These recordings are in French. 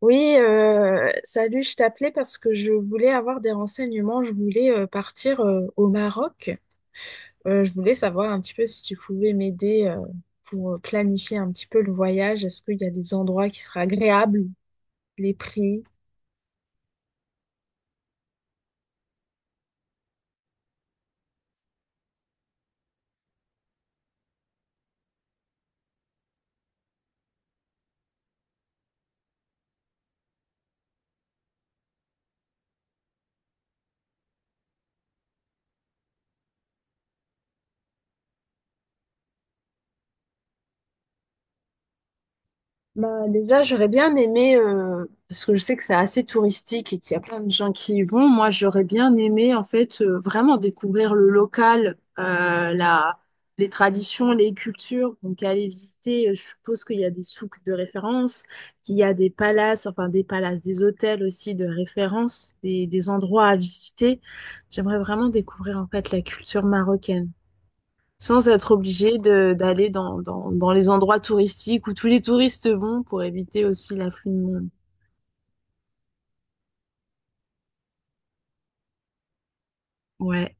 Oui, salut, je t'appelais parce que je voulais avoir des renseignements. Je voulais partir au Maroc. Je voulais savoir un petit peu si tu pouvais m'aider pour planifier un petit peu le voyage. Est-ce qu'il y a des endroits qui seraient agréables, les prix? Bah, déjà, j'aurais bien aimé, parce que je sais que c'est assez touristique et qu'il y a plein de gens qui y vont, moi j'aurais bien aimé en fait vraiment découvrir le local, les traditions, les cultures. Donc aller visiter, je suppose qu'il y a des souks de référence, qu'il y a des palaces, enfin des palaces, des hôtels aussi de référence, des endroits à visiter. J'aimerais vraiment découvrir en fait la culture marocaine sans être obligé d'aller dans les endroits touristiques où tous les touristes vont pour éviter aussi l'afflux de monde. Ouais.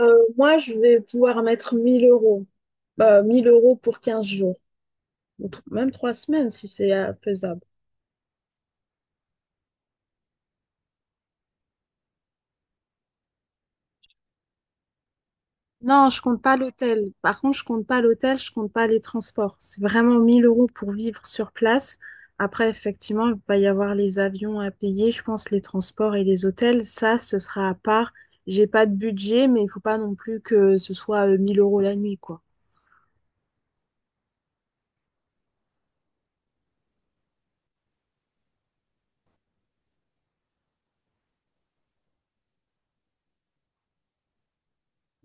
Moi, je vais pouvoir mettre 1000 euros. Bah, 1000 € pour 15 jours. Ou même 3 semaines si c'est faisable. Non, je compte pas l'hôtel. Par contre, je compte pas l'hôtel, je compte pas les transports. C'est vraiment 1000 € pour vivre sur place. Après, effectivement, il va y avoir les avions à payer, je pense, les transports et les hôtels. Ça, ce sera à part. J'ai pas de budget, mais il faut pas non plus que ce soit 1000 € la nuit, quoi.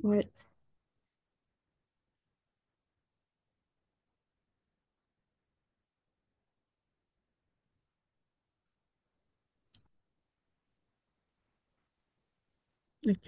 Ouais, ok,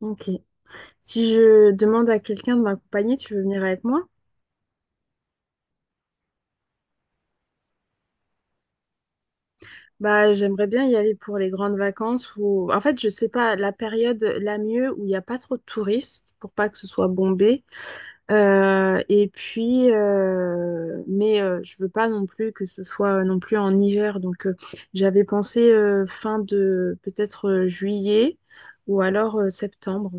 ok. Si je demande à quelqu'un de m'accompagner, tu veux venir avec moi? Bah, j'aimerais bien y aller pour les grandes vacances ou en fait, je sais pas la période la mieux où il n'y a pas trop de touristes pour pas que ce soit bombé. Et puis, mais je veux pas non plus que ce soit non plus en hiver. Donc, j'avais pensé fin de peut-être juillet ou alors septembre.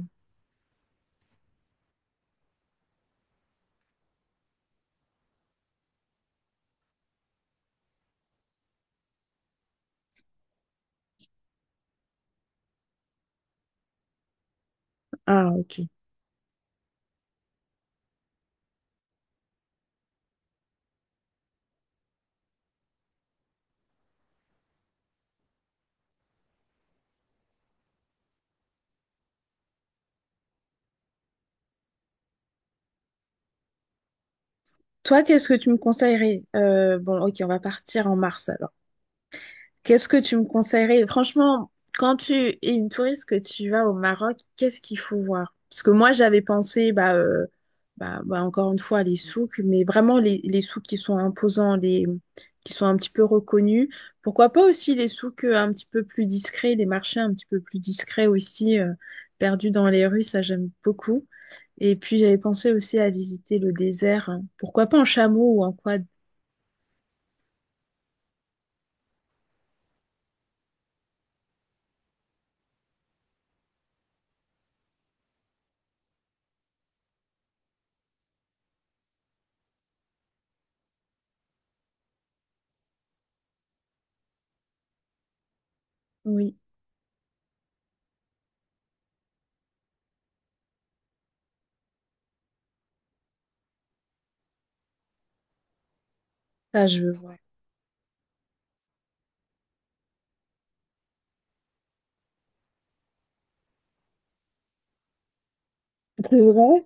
Ah, ok. Toi, qu'est-ce que tu me conseillerais? Bon, ok, on va partir en mars alors. Qu'est-ce que tu me conseillerais? Franchement, quand tu es une touriste que tu vas au Maroc, qu'est-ce qu'il faut voir? Parce que moi, j'avais pensé, bah, bah, bah, encore une fois, les souks, mais vraiment les souks qui sont imposants, qui sont un petit peu reconnus. Pourquoi pas aussi les souks un petit peu plus discrets, les marchés un petit peu plus discrets aussi, perdus dans les rues, ça j'aime beaucoup. Et puis, j'avais pensé aussi à visiter le désert. Hein. Pourquoi pas en chameau ou en quad? Oui, ça je veux voir. C'est vrai?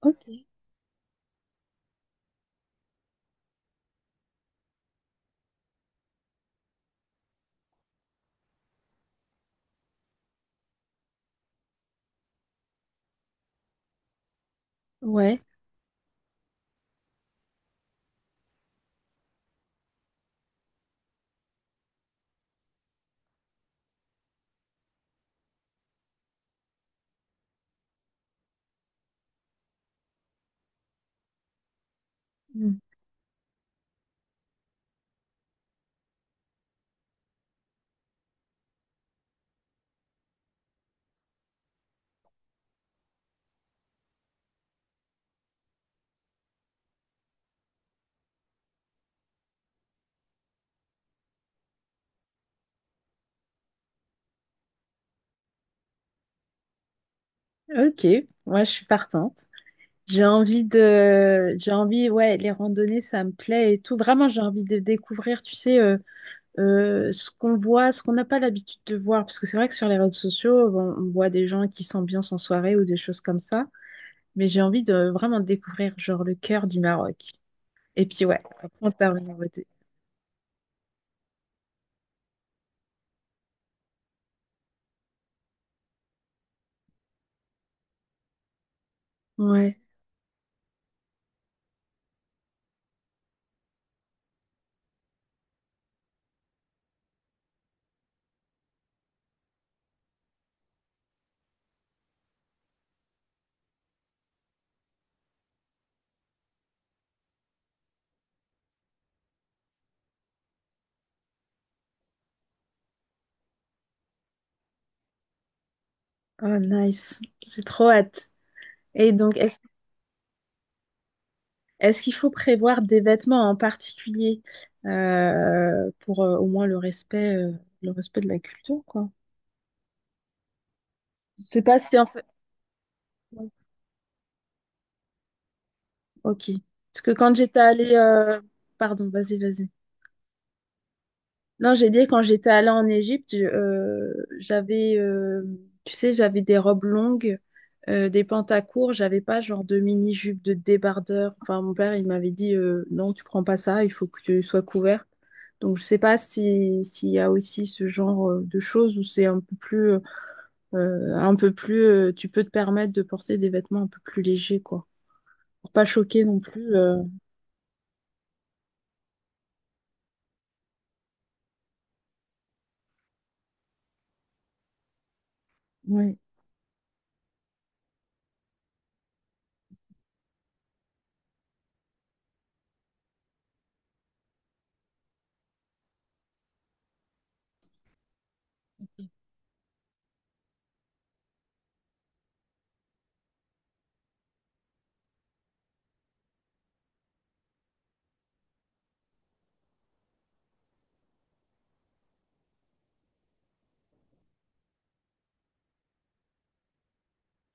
Ok. Ouais. Mm. Ok, moi je suis partante. J'ai envie, ouais, les randonnées, ça me plaît et tout. Vraiment, j'ai envie de découvrir, tu sais, ce qu'on voit, ce qu'on n'a pas l'habitude de voir. Parce que c'est vrai que sur les réseaux sociaux, on voit des gens qui s'ambiancent en soirée ou des choses comme ça. Mais j'ai envie de vraiment découvrir, genre, le cœur du Maroc. Et puis, ouais, après, on termine en beauté. Ouais, oh, nice. J'ai trop hâte. Et donc, est-ce qu'il faut prévoir des vêtements en particulier pour au moins le respect de la culture, quoi? Je sais pas si en fait. Ouais, ok. Parce que quand j'étais allée, pardon, vas-y, vas-y. Non, j'ai dit quand j'étais allée en Égypte, j'avais, tu sais, j'avais des robes longues, des pantacourts, j'avais pas genre de mini-jupe, de débardeur. Enfin, mon père, il m'avait dit, non, tu prends pas ça, il faut que tu sois couverte. Donc, je sais pas si, s'il y a aussi ce genre de choses où c'est un peu plus, tu peux te permettre de porter des vêtements un peu plus légers, quoi. Pour pas choquer non plus. Oui.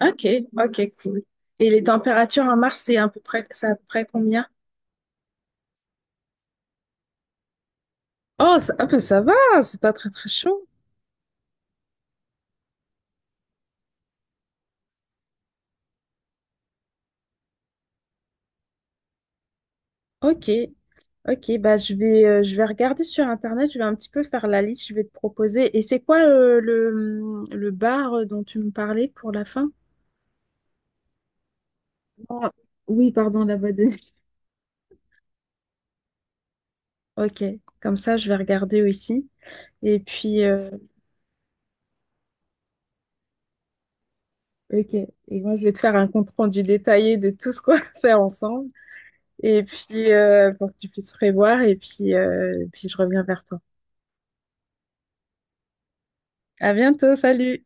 Ok, ok, cool. Et les températures à Mars, c'est à peu près combien? Oh, ça, ah, bah, ça va, c'est pas très très chaud. Ok, ok, bah je vais regarder sur internet, je vais un petit peu faire la liste, je vais te proposer. Et c'est quoi le, le bar dont tu me parlais pour la fin? Ah, oui, pardon, la boîte de nuit. Ok, comme ça je vais regarder aussi. Et puis, ok, et moi je vais te faire un compte rendu détaillé de tout ce qu'on va faire ensemble. Et puis, pour que tu puisses prévoir, et puis, puis je reviens vers toi. À bientôt, salut!